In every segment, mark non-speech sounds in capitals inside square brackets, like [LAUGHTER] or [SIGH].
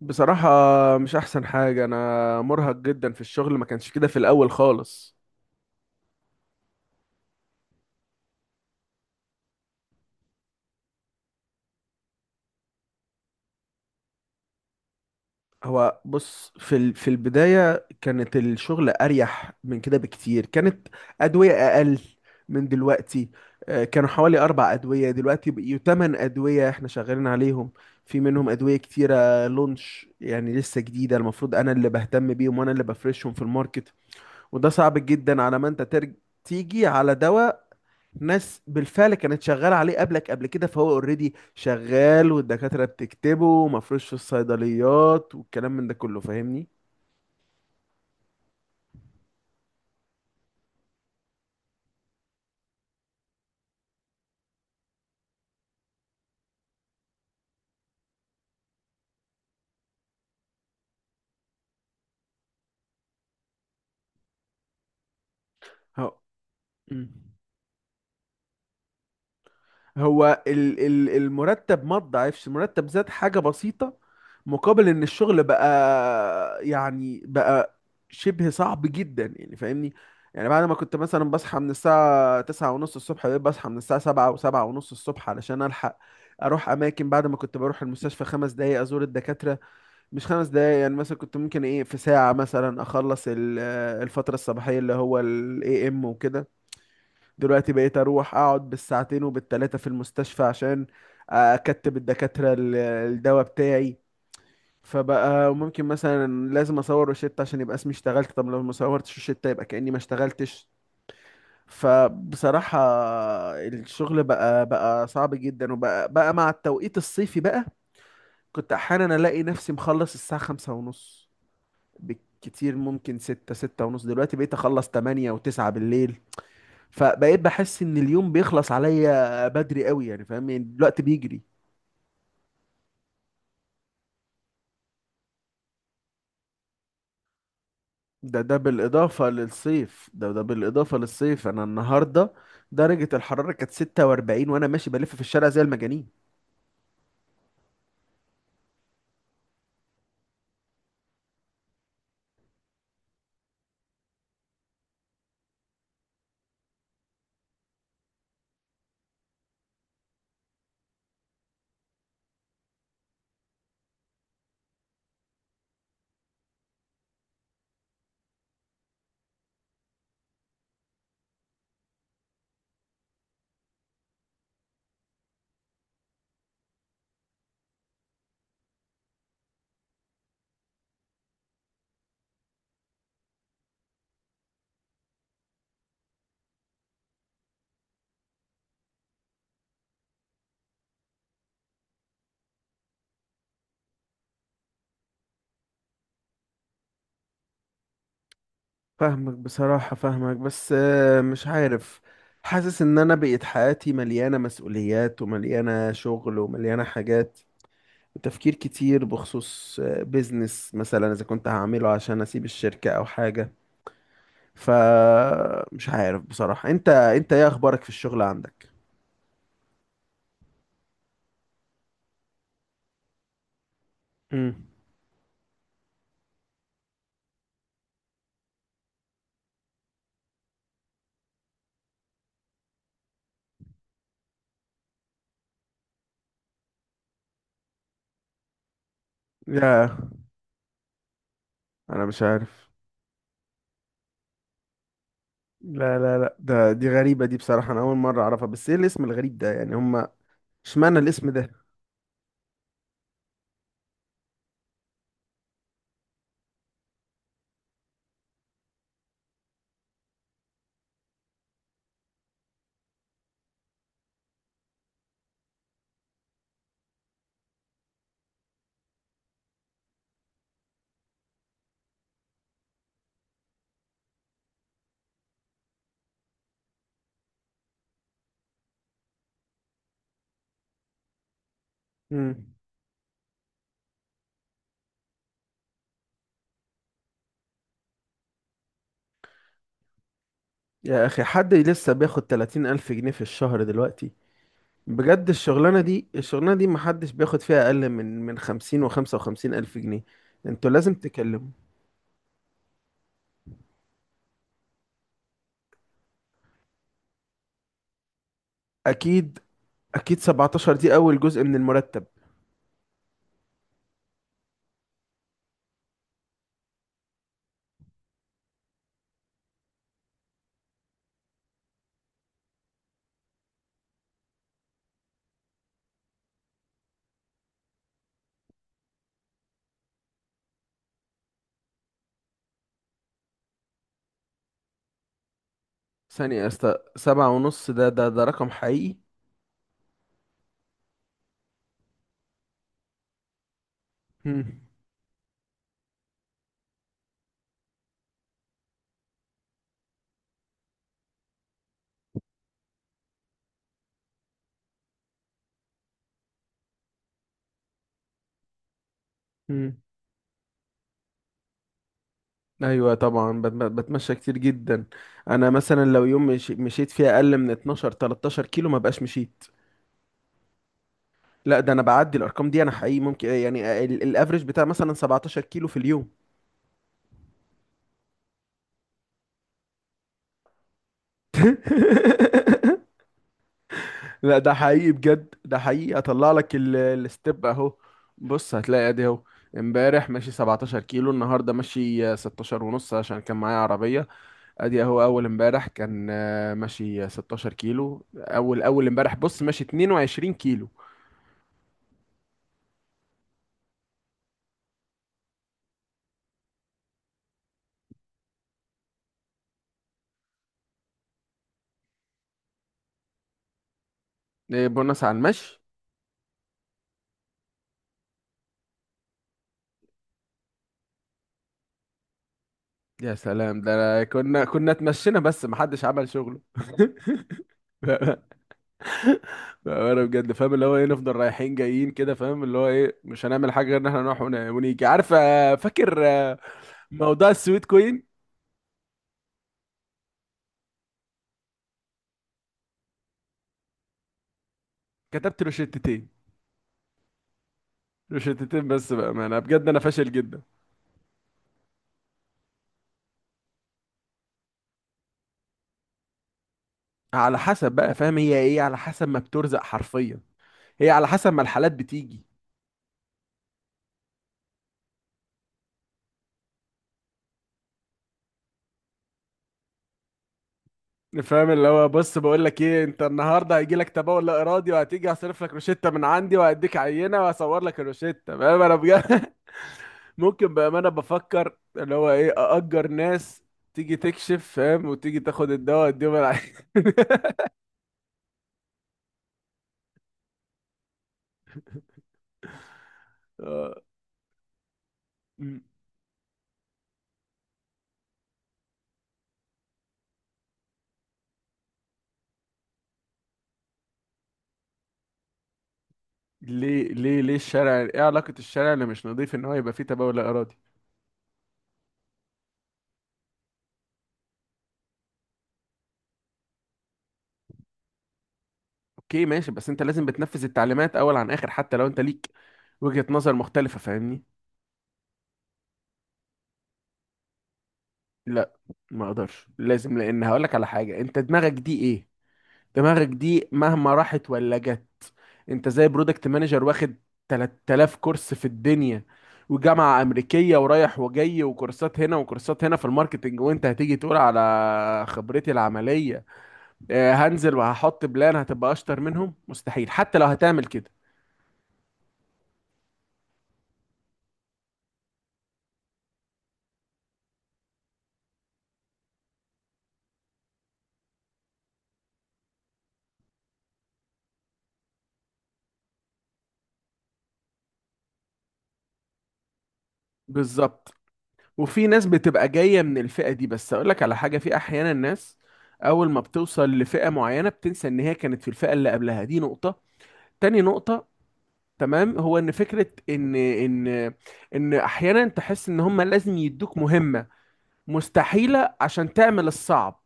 بصراحة، مش أحسن حاجة. أنا مرهق جدا في الشغل، ما كانش كده في الأول خالص. هو بص، في البداية كانت الشغل أريح من كده بكتير. كانت أدوية أقل من دلوقتي. كانوا حوالي أربع أدوية، دلوقتي بقيوا تمن أدوية إحنا شغالين عليهم. في منهم أدوية كتيرة لونش، يعني لسه جديدة. المفروض أنا اللي بهتم بيهم وأنا اللي بفرشهم في الماركت. وده صعب جدا، على ما أنت تيجي على دواء ناس بالفعل كانت شغاله عليه قبلك قبل كده، فهو اوريدي شغال والدكاتره بتكتبه ومفروش في الصيدليات والكلام من ده كله. فاهمني؟ هو مم. هو ال المرتب ما تضاعفش، المرتب زاد حاجه بسيطه مقابل ان الشغل بقى، يعني بقى شبه صعب جدا يعني، فاهمني؟ يعني بعد ما كنت مثلا بصحى من الساعة تسعة ونص الصبح، بقيت بصحى من الساعة سبعة وسبعة ونص الصبح علشان ألحق أروح أماكن. بعد ما كنت بروح المستشفى خمس دقايق أزور الدكاترة، مش خمس دقايق يعني، مثلا كنت ممكن ايه في ساعة مثلا اخلص الفترة الصباحية اللي هو ال AM وكده. دلوقتي بقيت اروح اقعد بالساعتين وبالتلاتة في المستشفى عشان اكتب الدكاترة الدواء بتاعي. فبقى ممكن مثلا لازم اصور روشتة عشان يبقى اسمي اشتغلت. طب لو ما صورتش روشتة، يبقى كأني ما اشتغلتش. فبصراحة الشغل بقى صعب جدا، وبقى مع التوقيت الصيفي بقى كنت احيانا الاقي نفسي مخلص الساعة خمسة ونص بالكتير، ممكن ستة ستة ونص. دلوقتي بقيت اخلص تمانية وتسعة بالليل. فبقيت بحس ان اليوم بيخلص عليا بدري قوي يعني، فاهم؟ يعني الوقت بيجري. ده بالاضافة للصيف، ده بالاضافة للصيف. انا النهاردة درجة الحرارة كانت 46 وانا ماشي بلف في الشارع زي المجانين. فاهمك بصراحة، فاهمك، بس مش عارف. حاسس ان انا بقيت حياتي مليانة مسؤوليات ومليانة شغل ومليانة حاجات تفكير كتير بخصوص بيزنس مثلا اذا كنت هعمله عشان اسيب الشركة او حاجة. فمش عارف بصراحة. انت انت ايه اخبارك في الشغل عندك؟ امم. لا انا مش عارف. لا لا لا، ده دي غريبة دي بصراحة، انا اول مرة اعرفها. بس ايه الاسم الغريب ده يعني؟ هما اشمعنى الاسم ده؟ امم. يا اخي، حد لسه بياخد 30 الف جنيه في الشهر دلوقتي؟ بجد الشغلانة دي الشغلانة دي محدش بياخد فيها اقل من 50 و 55 الف جنيه. انتوا لازم تكلموا. اكيد، اكيد 17 دي اول جزء من المرتب. ثانية يا اسطى، سبعة ونص ده؟ ده رقم حقيقي؟ هم. هم. ايوه طبعا، بتمشى كتير جدا. انا مثلا لو يوم مشيت فيه اقل من 12 13 كيلو، ما بقاش مشيت. لا، ده انا بعدي الارقام دي، انا حقيقي ممكن يعني الافريج بتاع مثلا 17 كيلو في اليوم. [LAUGHS] لا ده حقيقي بجد، ده حقيقي، اطلع لك الستيب اهو. بص هتلاقي ادي اهو. امبارح ماشي 17 كيلو، النهارده ماشي 16 ونص عشان كان معايا عربيه. ادي اهو اول امبارح كان ماشي 16 كيلو، اول اول امبارح بص ماشي 22 كيلو. إيه، بونص على المشي؟ يا سلام، ده كنا اتمشينا بس محدش عمل شغله. [LAUGHS] انا بجد فاهم اللي هو ايه، نفضل رايحين جايين كده، فاهم اللي هو ايه، مش هنعمل حاجه غير ان احنا نروح ونيجي. عارف؟ فاكر موضوع السويت كوين؟ كتبت روشتتين. روشتتين بس بقى، ما انا بجد انا فاشل جدا. على حسب بقى، فاهم؟ هي ايه على حسب ما بترزق حرفيا، هي على حسب ما الحالات بتيجي. فاهم اللي هو بص، بقول لك ايه، انت النهارده هيجي لك تبول لا ارادي وهتيجي هصرف لك روشته من عندي وهديك عينه وهصور لك الروشته، فاهم انا بجد؟ [LAUGHS] ممكن بأمانة بفكر اللي هو ايه، أأجر ناس تيجي تكشف، فاهم، وتيجي تاخد الدواء اديهم العين. [LAUGHS] آه. م. ليه ليه ليه الشارع؟ ايه علاقة الشارع اللي مش نظيف ان هو يبقى فيه تبول لا إرادي؟ اوكي ماشي، بس انت لازم بتنفذ التعليمات اول عن اخر حتى لو انت ليك وجهة نظر مختلفة، فاهمني؟ لا، ما اقدرش. لازم، لان هقولك على حاجة، انت دماغك دي ايه؟ دماغك دي مهما راحت ولا جت، انت زي برودكت مانجر واخد 3000 كورس في الدنيا وجامعة أمريكية ورايح وجاي وكورسات هنا وكورسات هنا في الماركتينج، وانت هتيجي تقول على خبرتي العملية هنزل وهحط بلان هتبقى أشطر منهم. مستحيل، حتى لو هتعمل كده. بالظبط. وفي ناس بتبقى جاية من الفئة دي، بس أقول لك على حاجة، في أحيانا ناس أول ما بتوصل لفئة معينة بتنسى إن هي كانت في الفئة اللي قبلها. دي نقطة. تاني نقطة، تمام، هو ان فكره ان ان احيانا تحس ان هم لازم يدوك مهمه مستحيله عشان تعمل الصعب،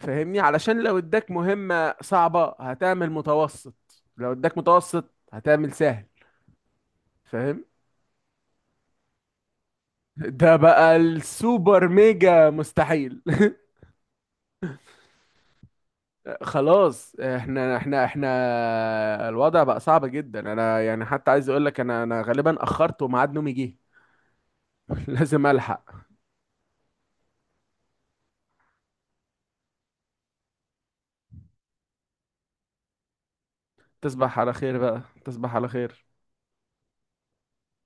فاهمني؟ علشان لو اداك مهمه صعبه هتعمل متوسط، لو اداك متوسط هتعمل سهل، فاهم؟ ده بقى السوبر ميجا مستحيل. [LAUGHS] خلاص، احنا الوضع بقى صعب جدا. انا يعني حتى عايز اقول لك، انا غالبا اخرت وميعاد نومي جه. [LAUGHS] لازم الحق. تصبح على خير بقى، تصبح على خير.